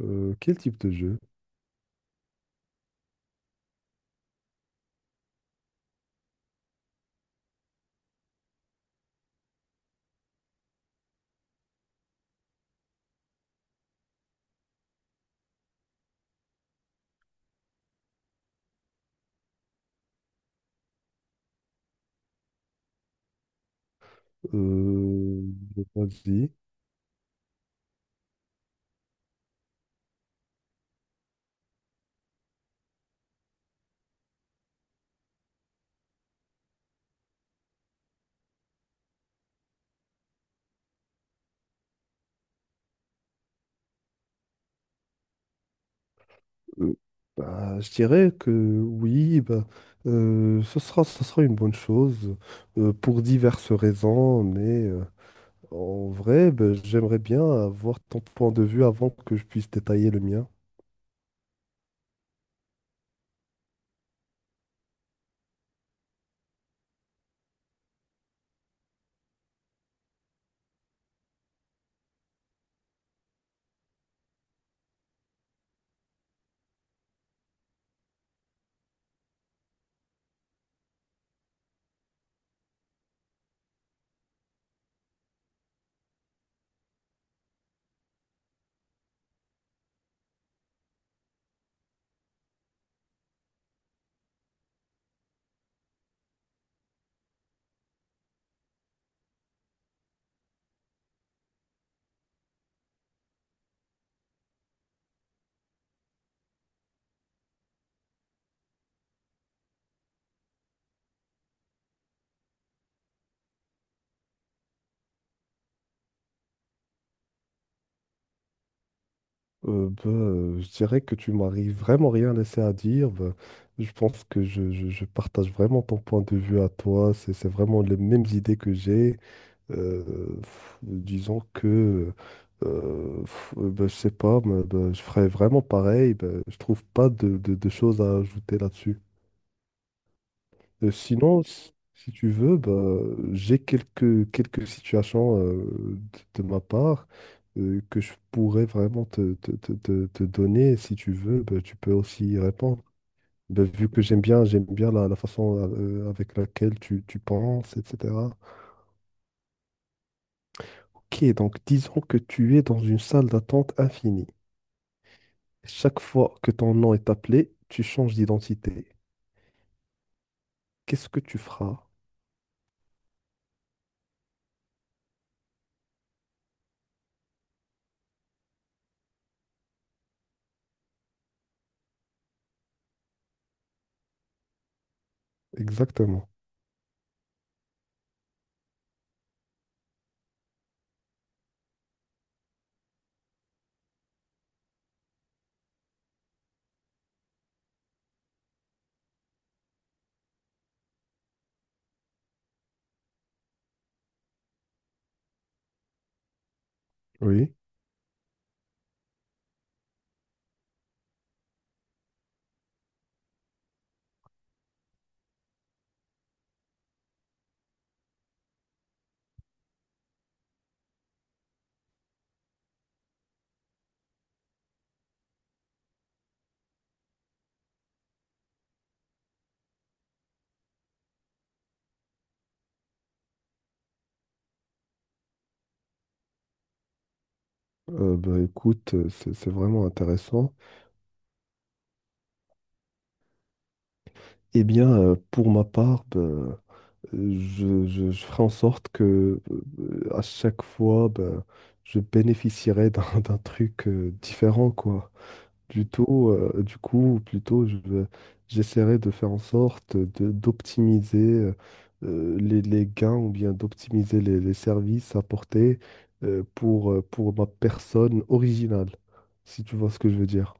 Quel type de jeu? Euh, j'ai pas dit. Euh, Bah, je dirais que oui, bah, ce sera une bonne chose pour diverses raisons, mais en vrai, bah, j'aimerais bien avoir ton point de vue avant que je puisse détailler le mien. Bah, je dirais que tu m'arrives vraiment rien laissé à dire. Bah, je pense que je partage vraiment ton point de vue à toi. C'est vraiment les mêmes idées que j'ai. Euh, Disons que, ben, je sais pas, mais, ben, je ferais vraiment pareil. Ben, je trouve pas de choses à ajouter là-dessus. Sinon, si tu veux, ben, j'ai quelques situations de ma part que je pourrais vraiment te donner. Si tu veux, ben, tu peux aussi y répondre. Ben, vu que j'aime bien la façon avec laquelle tu penses, etc. Ok, donc disons que tu es dans une salle d'attente infinie. Chaque fois que ton nom est appelé, tu changes d'identité. Qu'est-ce que tu feras exactement? Oui. Bah, écoute, c'est vraiment intéressant. Eh bien, pour ma part, bah, je ferai en sorte que à chaque fois, bah, je bénéficierai d'un d'un truc différent, quoi. Plutôt, du coup, plutôt, j'essaierai de faire en sorte de d'optimiser les gains ou bien d'optimiser les services apportés pour ma personne originale, si tu vois ce que je veux dire.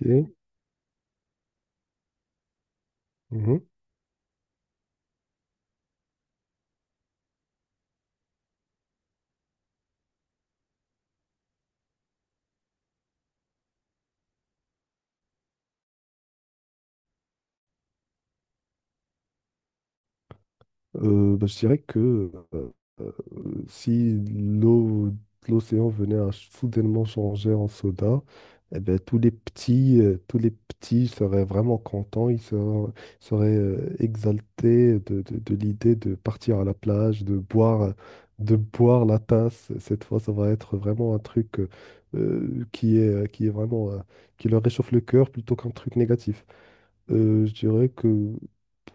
Ok. Mhm. Bah, je dirais que euh, si l'eau, l'océan venait à soudainement changer en soda, eh ben, tous les petits seraient vraiment contents, ils seraient, exaltés de l'idée de partir à la plage, de boire la tasse. Cette fois, ça va être vraiment un truc qui est vraiment, qui leur réchauffe le cœur plutôt qu'un truc négatif. Je dirais que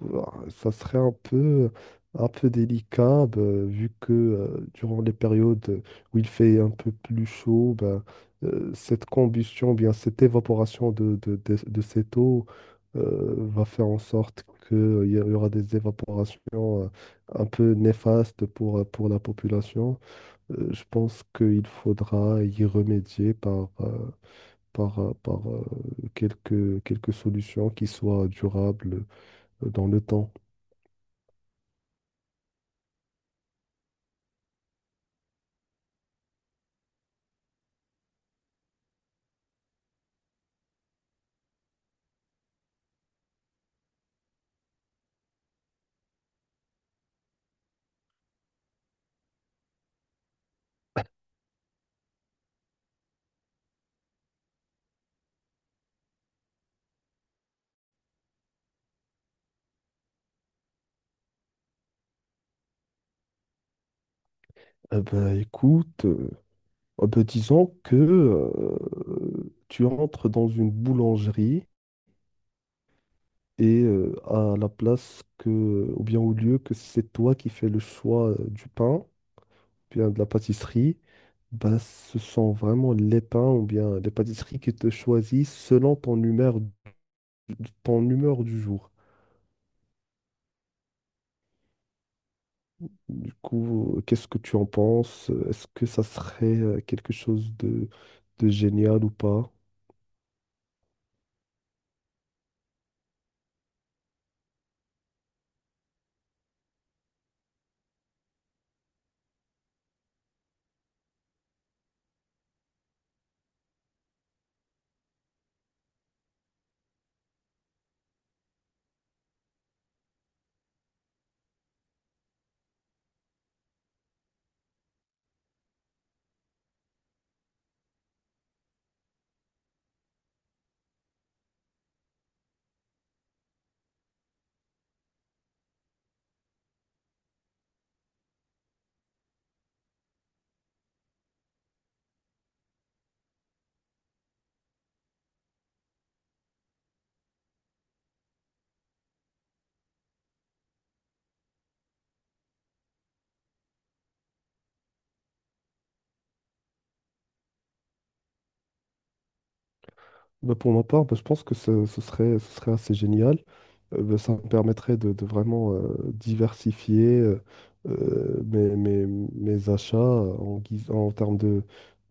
bah, ça serait un peu délicat bah, vu que durant les périodes où il fait un peu plus chaud, bah, cette combustion, bien cette évaporation de cette eau va faire en sorte qu'il y aura des évaporations un peu néfastes pour la population. Je pense qu'il faudra y remédier par quelques solutions qui soient durables dans le temps. Eh ben, écoute, oh ben, disons que tu entres dans une boulangerie et à la place que, ou bien au lieu que c'est toi qui fais le choix du pain, bien de la pâtisserie, ben, ce sont vraiment les pains ou bien les pâtisseries qui te choisissent selon ton humeur, ton humeur du jour. Du coup, qu'est-ce que tu en penses? Est-ce que ça serait quelque chose de génial ou pas? Bah, pour ma part, bah, je pense que ce serait assez génial. Bah, ça me permettrait de vraiment diversifier mes achats en termes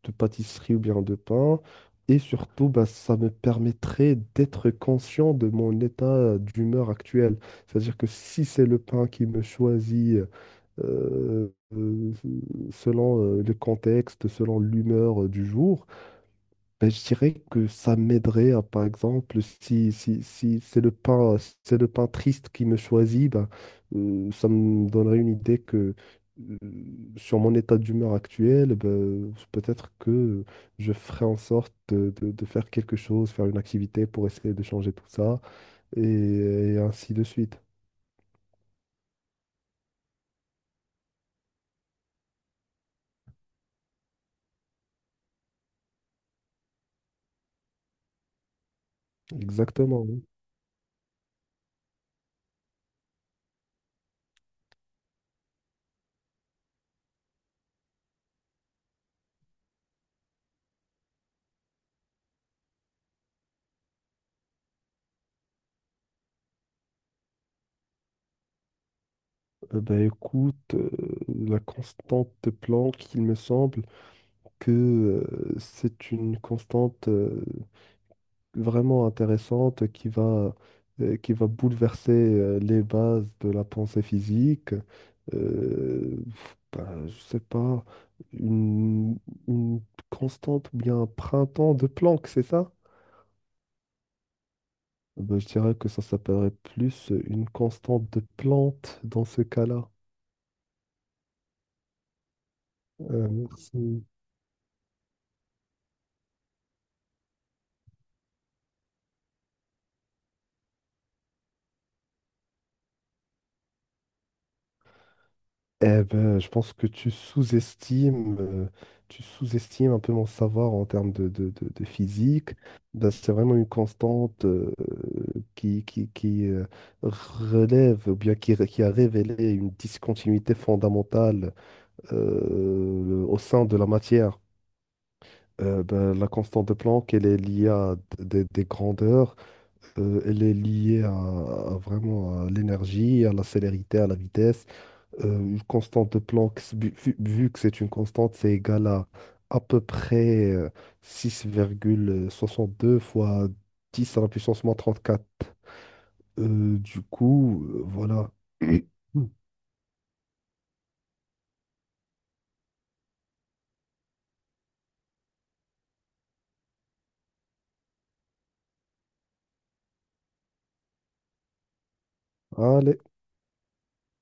de pâtisserie ou bien de pain. Et surtout, bah, ça me permettrait d'être conscient de mon état d'humeur actuel. C'est-à-dire que si c'est le pain qui me choisit, euh, euh, selon le contexte, selon l'humeur du jour, ben, je dirais que ça m'aiderait à, par exemple, si c'est c'est le pain triste qui me choisit, ben, ça me donnerait une idée que euh, sur mon état d'humeur actuel, ben, peut-être que je ferai en sorte de faire quelque chose, faire une activité pour essayer de changer tout ça, et ainsi de suite. Exactement. Oui. Ben écoute, la constante de Planck, il me semble que c'est une constante vraiment intéressante qui va bouleverser les bases de la pensée physique. Euh, ben, je sais pas, une, une constante ou bien un printemps de Planck, c'est ça? Eh ben, je dirais que ça s'appellerait plus une constante de Planck dans ce cas-là. Merci. Eh ben, je pense que tu sous-estimes un peu mon savoir en termes de physique. Ben, c'est vraiment une constante qui, relève, ou bien qui a révélé une discontinuité fondamentale au sein de la matière. Ben, la constante de Planck, elle est liée à des grandeurs, elle est liée à vraiment à l'énergie, à la célérité, à la vitesse. Une constante de Planck, vu que c'est une constante, c'est égal à peu près deux fois 10 à la puissance moins 34. Du coup, voilà. Allez.